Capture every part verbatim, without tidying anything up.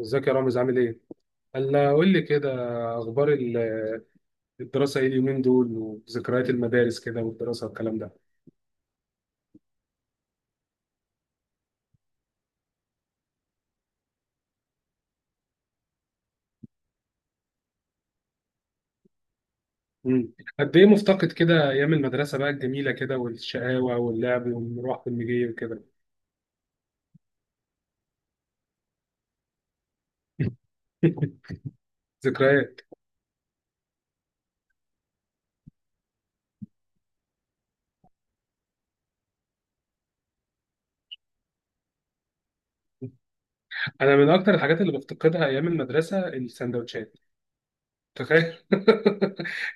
ازيك يا رامز؟ عامل ايه؟ قال قول لي كده. اخبار ال- الدراسه ايه اليومين دول، وذكريات المدارس كده والدراسه والكلام ده. مم. قد ايه مفتقد كده ايام المدرسه بقى الجميله كده، والشقاوه واللعب والمروح والمجي وكده. ذكريات. انا من اكتر الحاجات اللي بفتقدها ايام المدرسه السندوتشات. تخيل.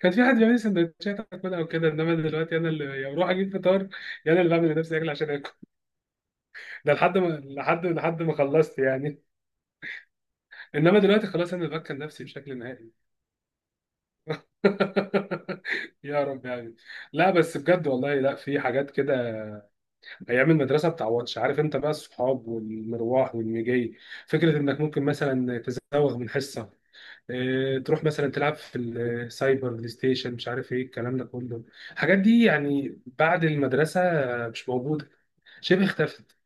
كان في حد بيعمل لي سندوتشات اكلها وكده، انما دلوقتي انا اللي يا بروح اجيب فطار، يا انا اللي بعمل لنفسي اكل عشان اكل. ده لحد ما لحد لحد ما خلصت يعني. انما دلوقتي خلاص انا ببكر نفسي بشكل نهائي. يا رب يعني. لا بس بجد والله، لا في حاجات كده ايام المدرسه بتعوضش، عارف انت بقى الصحاب والمروح والمجي. فكره انك ممكن مثلا تزوغ من حصه، إيه، تروح مثلا تلعب في السايبر بلاي ستيشن، مش عارف ايه الكلام ده كله. الحاجات دي يعني بعد المدرسه مش موجوده، شبه اختفت.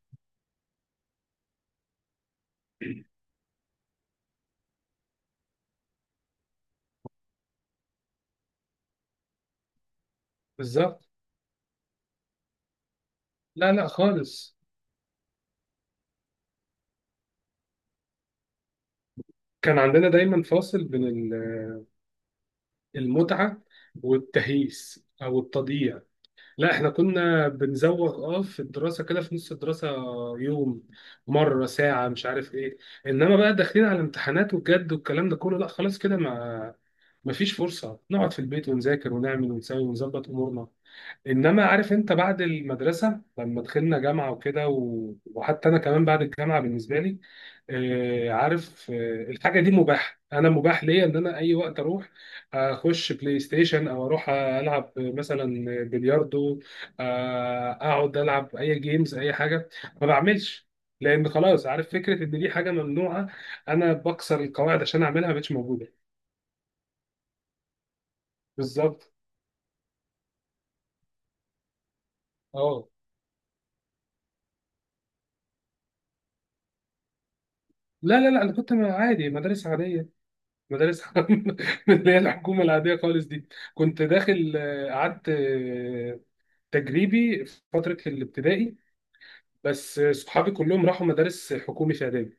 بالظبط. لا لا خالص. كان عندنا دايما فاصل بين المتعة والتهييس أو التضييع. لا احنا كنا بنزوغ اه في الدراسة كده في نص الدراسة، يوم، مرة، ساعة، مش عارف ايه. انما بقى داخلين على امتحانات وجد والكلام ده كله، لا خلاص كده ما، مفيش فرصة نقعد في البيت ونذاكر ونعمل ونسوي ونظبط أمورنا. انما عارف انت بعد المدرسه لما دخلنا جامعه وكده و... وحتى انا كمان بعد الجامعه بالنسبه لي، آه عارف، آه الحاجه دي مباحه، انا مباح ليا ان انا اي وقت اروح اخش بلاي ستيشن او اروح العب مثلا بلياردو، آه اقعد العب اي جيمز اي حاجه، ما بعملش. لان خلاص عارف فكره ان دي حاجه ممنوعه انا بكسر القواعد عشان اعملها ما بقتش موجوده. بالظبط. اه. لا لا لا انا كنت عادي مدارس عاديه، مدارس. من اللي هي الحكومه العاديه خالص دي. كنت داخل، آه، قعدت آه، تجريبي في فتره الابتدائي. بس آه، صحابي كلهم راحوا مدارس حكومي في اعدادي،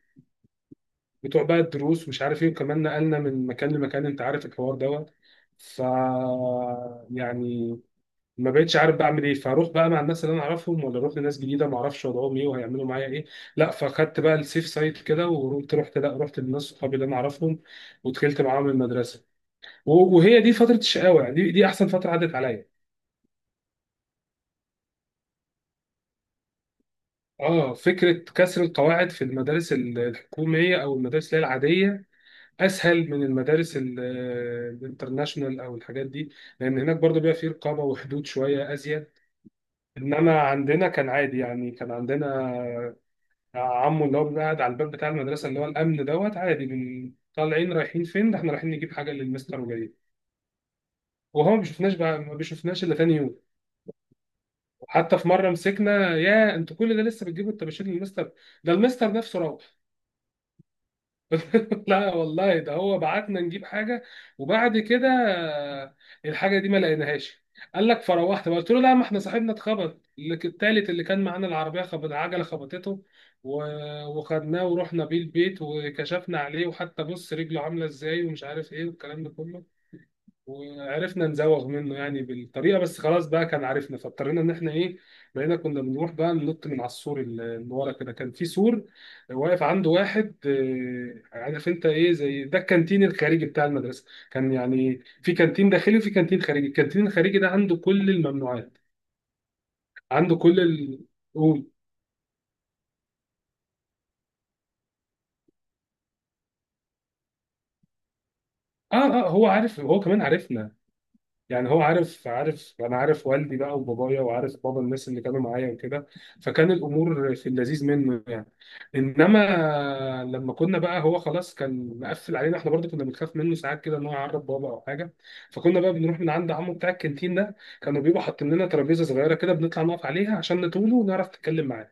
بتوع بقى الدروس مش عارف ايه. وكمان نقلنا من مكان لمكان، انت عارف الحوار دوت. ف، يعني، ما بقتش عارف بعمل ايه، فاروح بقى مع الناس اللي انا اعرفهم، ولا اروح لناس جديده ما اعرفش وضعهم ايه وهيعملوا معايا ايه؟ لا، فخدت بقى السيف سايد كده ورحت، رحت لا رحت للناس صحابي اللي انا اعرفهم، ودخلت معاهم المدرسه. وهي دي فترة الشقاوة يعني، دي دي أحسن فترة عدت عليا. اه، فكرة كسر القواعد في المدارس ال- الحكومية أو المدارس اللي هي العادية أسهل من المدارس ال- الانترناشونال أو الحاجات دي، لأن هناك برضو بيبقى فيه رقابة وحدود شوية أزيد. إنما عندنا كان عادي يعني، كان عندنا عمو اللي هو بيبقى قاعد على الباب بتاع المدرسة، اللي هو الأمن دوت، عادي، من طالعين رايحين فين؟ ده احنا رايحين نجيب حاجة للمستر وجايين. وهو ما بيشوفناش بقى ما بيشوفناش إلا تاني يوم. وحتى في مره مسكنا: يا انتوا كل ده لسه بتجيبوا الطباشير للمستر؟ ده المستر نفسه روح. لا والله ده هو بعتنا نجيب حاجه، وبعد كده الحاجه دي ما لقيناهاش. قال لك فروحت بقى. قلت له لا، ما احنا صاحبنا اتخبط، اللي ك- التالت اللي كان معانا، العربيه خبط العجله خبطته، و- وخدناه ورحنا بيه البيت وكشفنا عليه، وحتى بص رجله عامله ازاي ومش عارف ايه والكلام ده كله. وعرفنا نزوغ منه يعني بالطريقه، بس خلاص بقى كان عارفنا، فاضطرينا ان احنا ايه، بقينا كنا بنروح بقى ننط من على السور، اللي اللي ورا كده كان في سور واقف عنده واحد. آه، عارف انت ايه زي ده، الكانتين الخارجي بتاع المدرسه. كان يعني في كانتين داخلي وفي كانتين خارجي، الكانتين الخارجي ده عنده كل الممنوعات. عنده كل ال... قول. اه. اه هو عارف، هو كمان عارفنا، يعني هو عارف عارف انا عارف والدي بقى وبابايا، وعارف بابا الناس اللي كانوا معايا وكده. فكان الامور في اللذيذ منه يعني. انما لما كنا بقى، هو خلاص كان مقفل علينا، احنا برضه كنا بنخاف منه ساعات كده ان هو يعرض بابا او حاجه. فكنا بقى بنروح من عند عمو بتاع الكانتين ده، كانوا بيبقوا حاطين لنا ترابيزه صغيره كده بنطلع نقف عليها عشان نطوله ونعرف نتكلم معاه.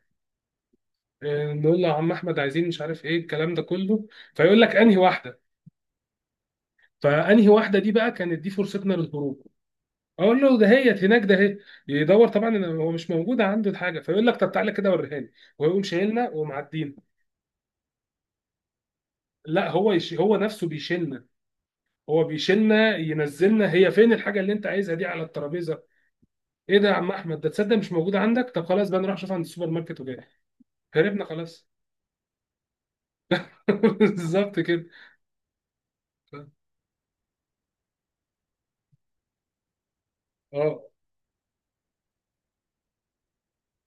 إيه، نقول له يا عم احمد عايزين مش عارف ايه الكلام ده كله، فيقول لك انهي واحده؟ فانهي واحده دي بقى كانت دي فرصتنا للهروب، اقول له ده هيت هناك ده هي. يدور طبعا إن هو مش موجود عنده الحاجه، فيقول لك طب تعالى كده وريها لي، ويقوم شايلنا ومعدينا. لا، هو يش... هو نفسه بيشيلنا. هو بيشيلنا ينزلنا، هي فين الحاجه اللي انت عايزها دي على الترابيزه؟ ايه ده يا عم احمد، ده تصدق مش موجوده عندك، طب خلاص بقى نروح نشوف عند السوبر ماركت وجاي. هربنا خلاص. بالظبط كده. اه.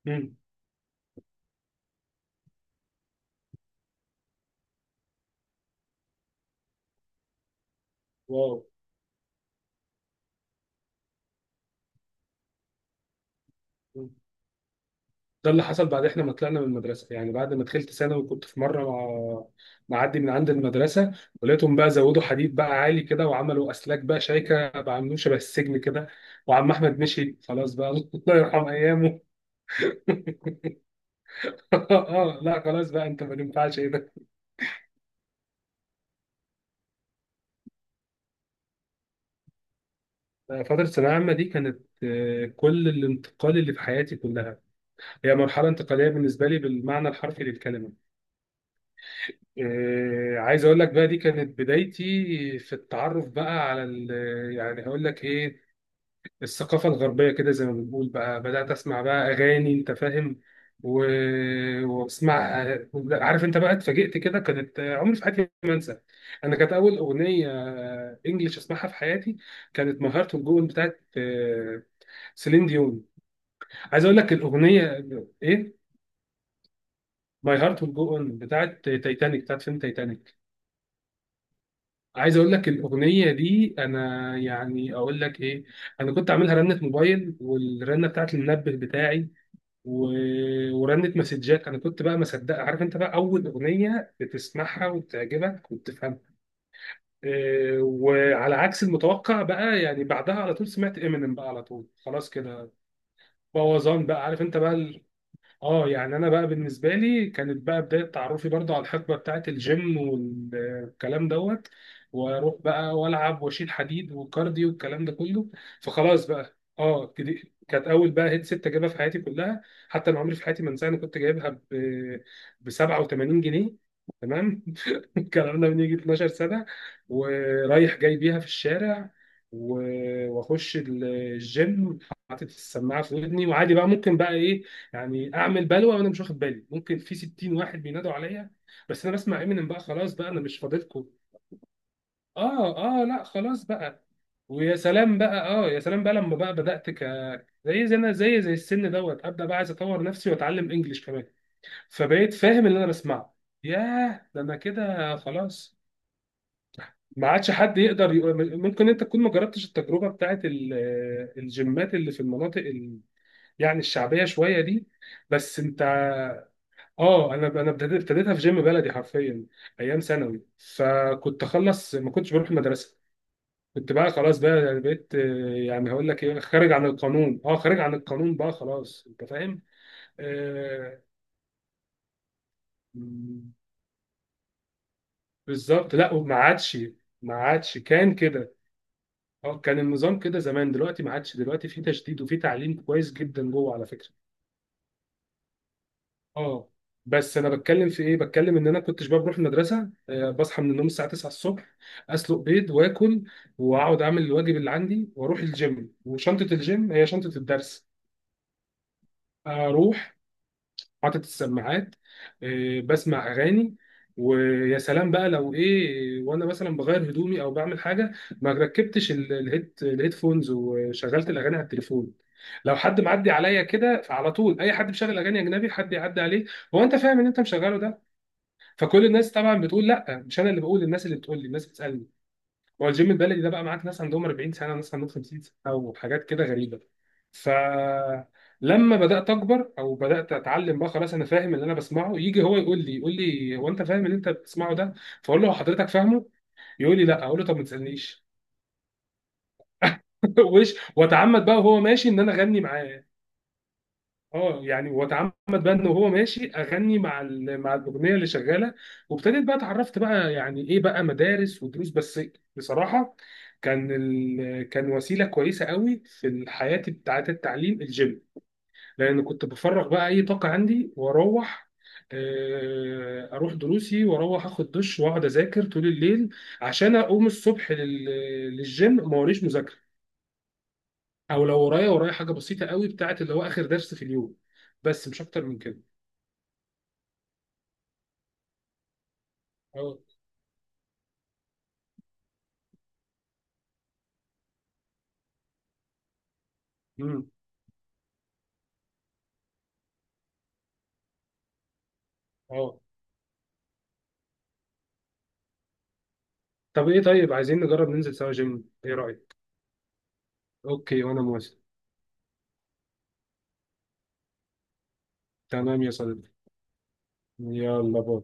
مم. واو. ده اللي حصل بعد احنا ما طلعنا من المدرسه يعني، بعد ما دخلت ثانوي كنت في مره مع، معدي من عند المدرسه، ولقيتهم بقى زودوا حديد بقى عالي كده، وعملوا اسلاك بقى شايكه بقى عاملين شبه السجن كده. وعم احمد مشي خلاص بقى. الله يرحم ايامه. اه، لا خلاص بقى انت ما ينفعش ايه ده. فتره ثانويه عامه دي كانت آه، كل الانتقال اللي في حياتي كلها. هي مرحله انتقاليه بالنسبه لي بالمعنى الحرفي للكلمه. آه، عايز اقول لك بقى دي كانت بدايتي في التعرف بقى على ال- يعني هقول لك ايه، الثقافة الغربية كده زي ما بنقول. بقى بدأت أسمع بقى أغاني، أنت فاهم، و... وأسمع. عارف أنت بقى اتفاجئت كده، كانت عمري في حياتي ما أنسى، أنا كانت أول أغنية إنجليش أسمعها في حياتي كانت ماي هارت ويل جو بتاعت آه، سيلين ديون. عايز أقول لك الأغنية إيه؟ ماي هارت ويل جو أون بتاعت تايتانيك، بتاعت فيلم تايتانيك. عايز اقول لك الاغنيه دي انا يعني اقول لك ايه، انا كنت عاملها رنه موبايل، والرنه بتاعت المنبه بتاعي، و- ورنت مسجات. انا كنت بقى مصدق، عارف انت بقى اول اغنيه بتسمعها وبتعجبك وبتفهمها. إيه، وعلى عكس المتوقع بقى يعني بعدها على طول سمعت امينيم بقى على طول خلاص كده، بوظان بقى، عارف انت بقى. اه يعني انا بقى بالنسبه لي كانت بقى بدايه تعرفي برضو على الحقبه بتاعه الجيم والكلام دوت، واروح بقى والعب واشيل حديد وكارديو والكلام ده كله. فخلاص بقى اه كده- كانت اول بقى هيدسيت اجيبها في حياتي كلها، حتى انا عمري في حياتي ما انساها. انا كنت جايبها ب ب سبعه وتمانين جنيه. تمام. الكلام ده من يجي اتناشر سنه. ورايح جاي بيها في الشارع، و- واخش ال- الجيم حاطط السماعه في ودني، وعادي بقى ممكن بقى ايه، يعني اعمل بلوه وانا مش واخد بالي، ممكن في ستين واحد بينادوا عليا بس انا بسمع امينيم بقى، خلاص بقى انا مش فاضلكم. اه. اه لا خلاص بقى. ويا سلام بقى، اه يا سلام بقى لما بقى بدات ك زي زي انا زي زي السن دوت ابدا بقى عايز اطور نفسي واتعلم انجليش كمان، فبقيت فاهم اللي انا بسمعه، ياه ده انا كده خلاص، ما عادش حد يقدر يقول ممكن انت تكون ما جربتش التجربه بتاعت ال- الجيمات اللي في المناطق ال... يعني الشعبيه شويه دي. بس انت، اه انا انا ابتديت ابتديتها في جيم بلدي حرفيا ايام ثانوي، فكنت اخلص ما كنتش بروح المدرسه. كنت بقى خلاص بقى يعني بقيت، آه، يعني هقول لك ايه، خارج عن القانون. اه خارج عن القانون بقى خلاص انت فاهم. آه. مم. بالظبط. لا وما عادش، ما عادش كان كده. اه كان النظام كده زمان، دلوقتي ما عادش، دلوقتي في تشديد وفي تعليم كويس جدا جوه على فكره. اه، بس انا بتكلم في ايه، بتكلم ان انا كنتش بقى بروح المدرسه. آه، بصحى من النوم الساعه تسعه الصبح، اسلق بيض واكل، واقعد اعمل الواجب اللي عندي، واروح الجيم. وشنطه الجيم هي شنطه الدرس. اروح حاطط السماعات، آه، بسمع اغاني. ويا سلام بقى لو ايه وانا مثلا بغير هدومي او بعمل حاجه، ما ركبتش ال- الهيد الهيدفونز وشغلت الاغاني على التليفون، لو حد معدي عليا كده فعلى طول اي حد مشغل اغاني اجنبي حد يعدي عليه، هو انت فاهم ان انت مشغله ده؟ فكل الناس طبعا بتقول، لا مش انا اللي بقول، الناس اللي بتقول لي، الناس بتسالني. هو الجيم البلدي ده بقى معاك ناس عندهم اربعين سنه، ناس عندهم خمسين سنه، او حاجات كده غريبه. فلما بدات اكبر او بدات اتعلم بقى خلاص انا فاهم اللي انا بسمعه، يجي هو يقول لي، يقول لي هو انت فاهم اللي انت بتسمعه ده؟ فاقول له هو حضرتك فاهمه؟ يقول لي لا، اقول له طب ما تسالنيش. وش واتعمد بقى وهو ماشي ان انا اغني معاه. اه يعني واتعمد بقى ان هو ماشي اغني مع ال- مع الاغنيه اللي شغاله. وابتديت بقى اتعرفت بقى يعني ايه بقى مدارس ودروس بس. بصراحه كان ال... كان وسيله كويسه قوي في حياتي بتاعت التعليم الجيم. لان كنت بفرغ بقى اي طاقه عندي واروح، آه، اروح دروسي واروح اخد دش، واقعد اذاكر طول الليل عشان اقوم الصبح لل... للجيم ما وريش مذاكره، او لو ورايا ورايا حاجه بسيطه قوي بتاعت اللي هو اخر درس في اليوم، بس مش اكتر من كده. اه. امم. اه. طب ايه، طيب عايزين نجرب ننزل سوا جيم، ايه رأيك؟ اوكي، وانا موافق. تمام يا صديقي. يلا باي.